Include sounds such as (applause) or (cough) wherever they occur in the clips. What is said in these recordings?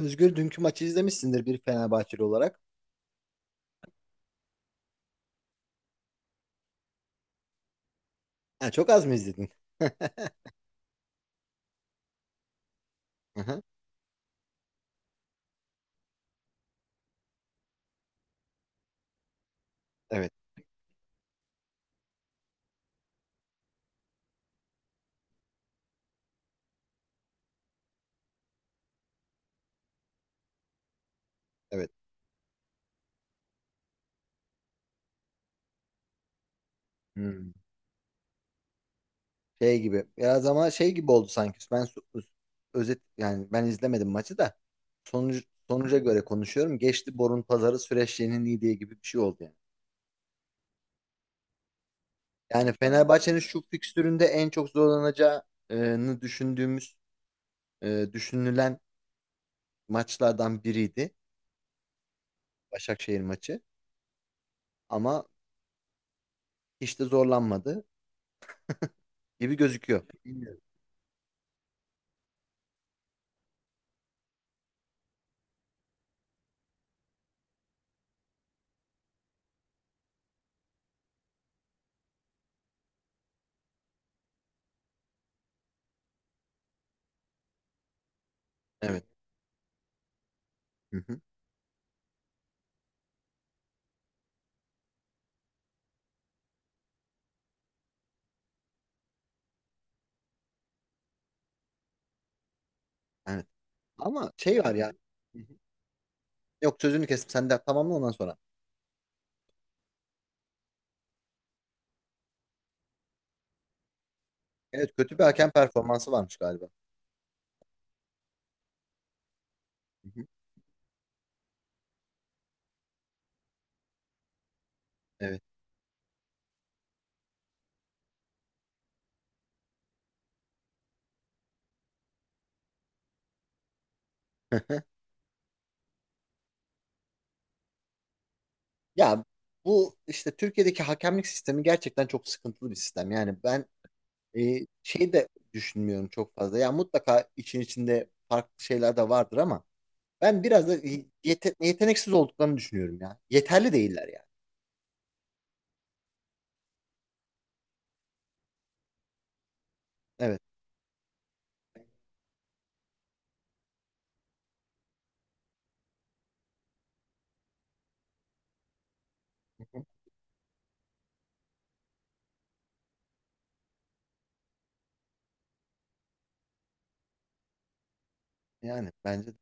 Özgür, dünkü maçı izlemişsindir bir Fenerbahçeli olarak. Ha, çok az mı izledin? (laughs) Aha, evet, evet. Hmm. Şey gibi. Biraz ama şey gibi oldu sanki. Özet yani, ben izlemedim maçı da, sonucu, sonuca göre konuşuyorum. Geçti borun pazarı süreçlerinin iyi diye gibi bir şey oldu yani. Yani Fenerbahçe'nin şu fikstüründe en çok zorlanacağını düşündüğümüz, düşünülen maçlardan biriydi. Başakşehir maçı. Ama hiç de zorlanmadı gibi gözüküyor. Bilmiyorum. Evet. Hı. Evet. Ama şey var ya. Hı hı. Yok, sözünü kestim. Sen de tamamla ondan sonra. Evet, kötü bir hakem performansı varmış galiba. Hı hı. Evet. (laughs) Ya, bu işte Türkiye'deki hakemlik sistemi gerçekten çok sıkıntılı bir sistem. Yani ben, şey de düşünmüyorum çok fazla. Ya mutlaka için içinde farklı şeyler de vardır ama ben biraz da yeteneksiz olduklarını düşünüyorum ya. Yeterli değiller yani. Evet. Hı hı. Yani bence de.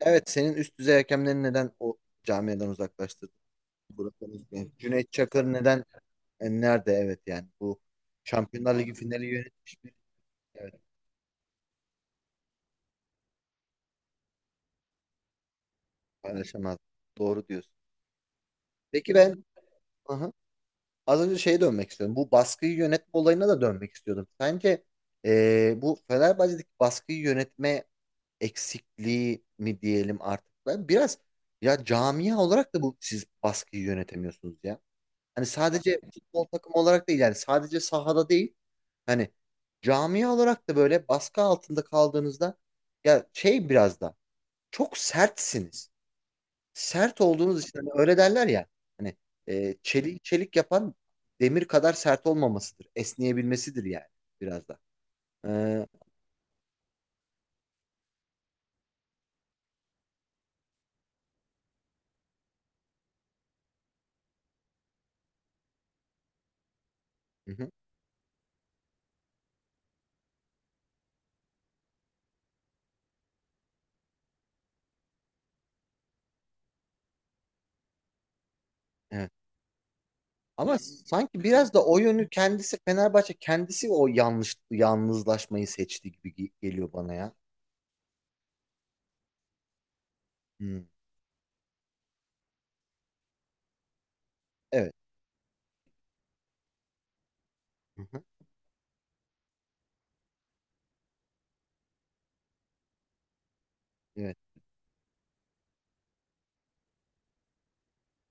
Evet, senin üst düzey hakemleri neden o camiadan uzaklaştırdın? Yani Cüneyt Çakır neden, nerede, evet, yani bu Şampiyonlar Ligi finali yönetmiş bir, evet, paylaşamaz. Doğru diyorsun. Peki ben, aha, az önce şeye dönmek istiyorum. Bu baskıyı yönetme olayına da dönmek istiyordum. Sence, bu Fenerbahçe'deki baskıyı yönetme eksikliği mi diyelim artık? Ben biraz, ya camia olarak da bu, siz baskıyı yönetemiyorsunuz ya. Hani sadece futbol takımı olarak değil, yani sadece sahada değil. Hani camia olarak da böyle baskı altında kaldığınızda ya şey, biraz da çok sertsiniz. Sert olduğunuz için hani öyle derler ya, hani çelik çelik yapan demir kadar sert olmamasıdır. Esneyebilmesidir yani, biraz da. Ee, hı hı, evet. Ama sanki biraz da o yönü kendisi, Fenerbahçe kendisi o yanlış yalnızlaşmayı seçti gibi geliyor bana ya. Hı, evet. Hı hı, evet.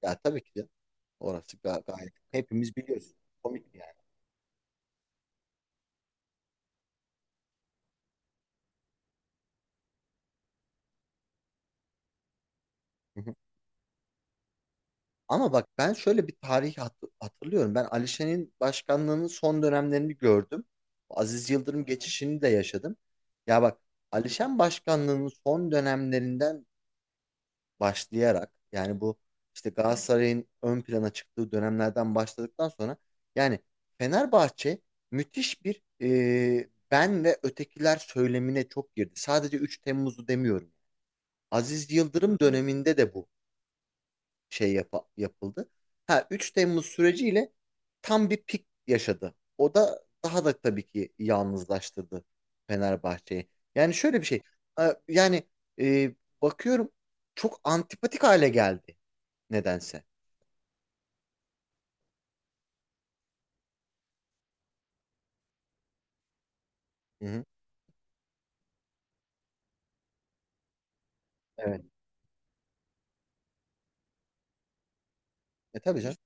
Ya tabii ki de, orası gayet, hepimiz biliyoruz. Komik yani. Hı hı. Ama bak, ben şöyle bir tarih hatırlıyorum. Ben Alişan'ın başkanlığının son dönemlerini gördüm. Aziz Yıldırım geçişini de yaşadım. Ya bak, Alişan başkanlığının son dönemlerinden başlayarak, yani bu işte Galatasaray'ın ön plana çıktığı dönemlerden başladıktan sonra, yani Fenerbahçe müthiş bir, ben ve ötekiler söylemine çok girdi. Sadece 3 Temmuz'u demiyorum. Aziz Yıldırım döneminde de bu şey yapıldı. Ha, 3 Temmuz süreciyle tam bir pik yaşadı. O da daha da tabii ki yalnızlaştırdı Fenerbahçe'yi. Yani şöyle bir şey. Yani, e, bakıyorum, çok antipatik hale geldi nedense. Hı hı. Evet. E tabii canım.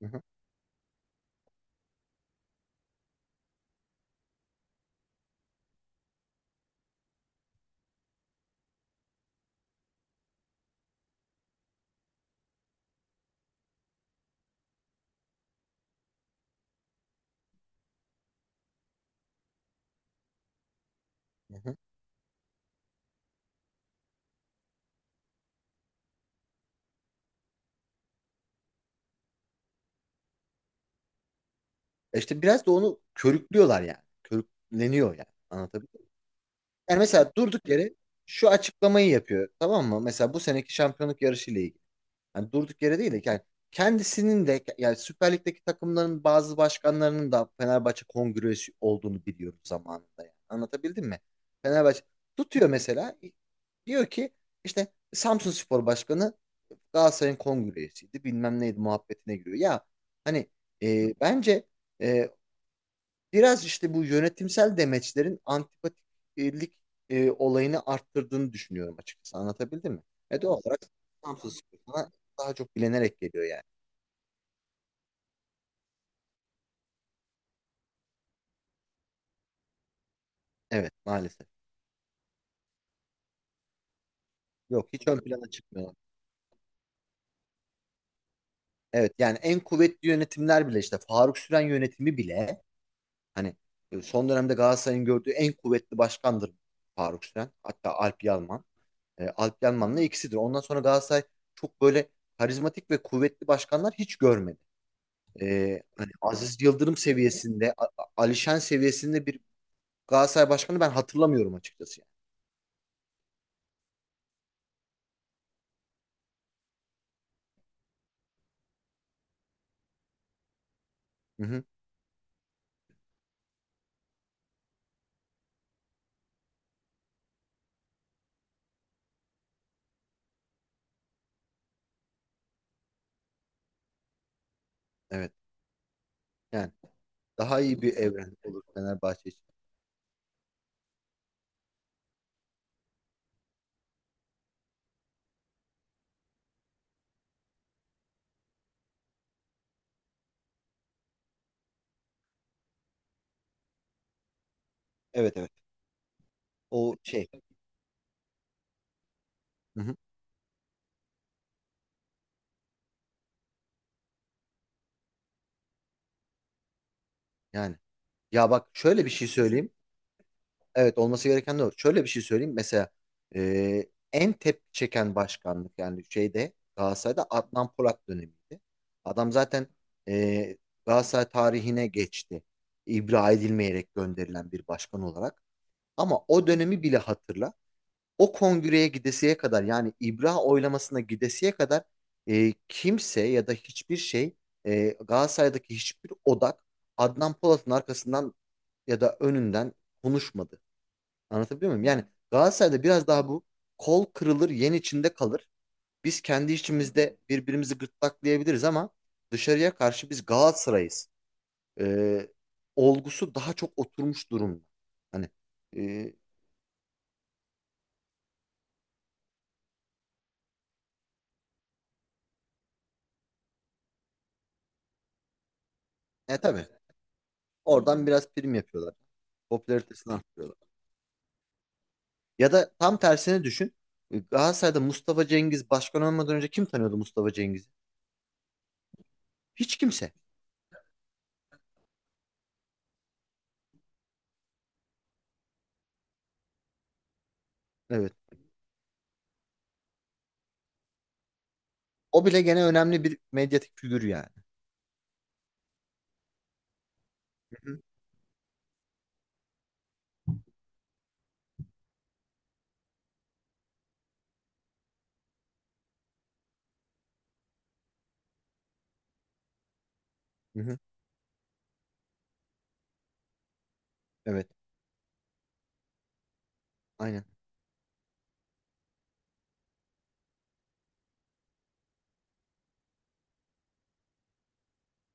Hı hı. Hı hı. E İşte biraz da onu körüklüyorlar yani. Körükleniyor yani. Anlatabiliyor. Yani mesela durduk yere şu açıklamayı yapıyor, tamam mı? Mesela bu seneki şampiyonluk yarışı ile ilgili. Yani durduk yere değil de yani, kendisinin de yani, Süper Lig'deki takımların bazı başkanlarının da Fenerbahçe kongresi olduğunu biliyoruz zamanında. Yani. Anlatabildim mi? Fenerbahçe tutuyor mesela, diyor ki işte Samsunspor Başkanı Galatasaray'ın kongresiydi bilmem neydi muhabbetine giriyor. Ya hani, bence, e, biraz işte bu yönetimsel demeçlerin antipatiklik, olayını arttırdığını düşünüyorum açıkçası. Anlatabildim mi? E doğal olarak Samsun Spor bana daha çok bilenerek geliyor yani. Evet, maalesef. Yok, hiç ön plana çıkmıyor. Evet, yani en kuvvetli yönetimler bile, işte Faruk Süren yönetimi bile, hani son dönemde Galatasaray'ın gördüğü en kuvvetli başkandır Faruk Süren. Hatta Alp Yalman. E, Alp Yalman'la ikisidir. Ondan sonra Galatasaray çok böyle karizmatik ve kuvvetli başkanlar hiç görmedi. Hani Aziz Yıldırım seviyesinde, Alişan seviyesinde bir Galatasaray başkanı ben hatırlamıyorum açıkçası yani. Hı hı, evet. Yani daha iyi bir evren olur Fenerbahçe için. Evet, evet. O şey. Hı hı, yani. Ya bak, şöyle bir şey söyleyeyim. Evet, olması gereken de o. Şöyle bir şey söyleyeyim. Mesela en tepki çeken başkanlık, yani şeyde, Galatasaray'da Adnan Polat dönemiydi. Adam zaten, e, Galatasaray tarihine geçti. İbra edilmeyerek gönderilen bir başkan olarak. Ama o dönemi bile hatırla. O kongreye gidesiye kadar, yani İbra oylamasına gidesiye kadar, kimse ya da hiçbir şey, Galatasaray'daki hiçbir odak Adnan Polat'ın arkasından ya da önünden konuşmadı. Anlatabiliyor muyum? Yani Galatasaray'da biraz daha bu kol kırılır yen içinde kalır. Biz kendi içimizde birbirimizi gırtlaklayabiliriz ama dışarıya karşı biz Galatasaray'ız. E, Olgusu daha çok oturmuş durumda. Hani, e, e tabii. Oradan biraz prim yapıyorlar. Popülaritesini arttırıyorlar. Ya da tam tersini düşün. E, Galatasaray'da Mustafa Cengiz başkan olmadan önce kim tanıyordu Mustafa Cengiz'i? Hiç kimse. Evet. O bile gene önemli bir medyatik figür yani. Hı hı. Hı hı. Evet. Aynen.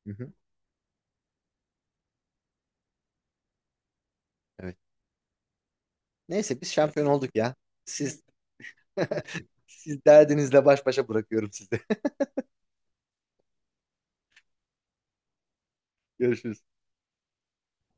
Hı hı. Evet. Neyse, biz şampiyon olduk ya. Siz, (laughs) siz derdinizle baş başa bırakıyorum sizi. (laughs) Görüşürüz.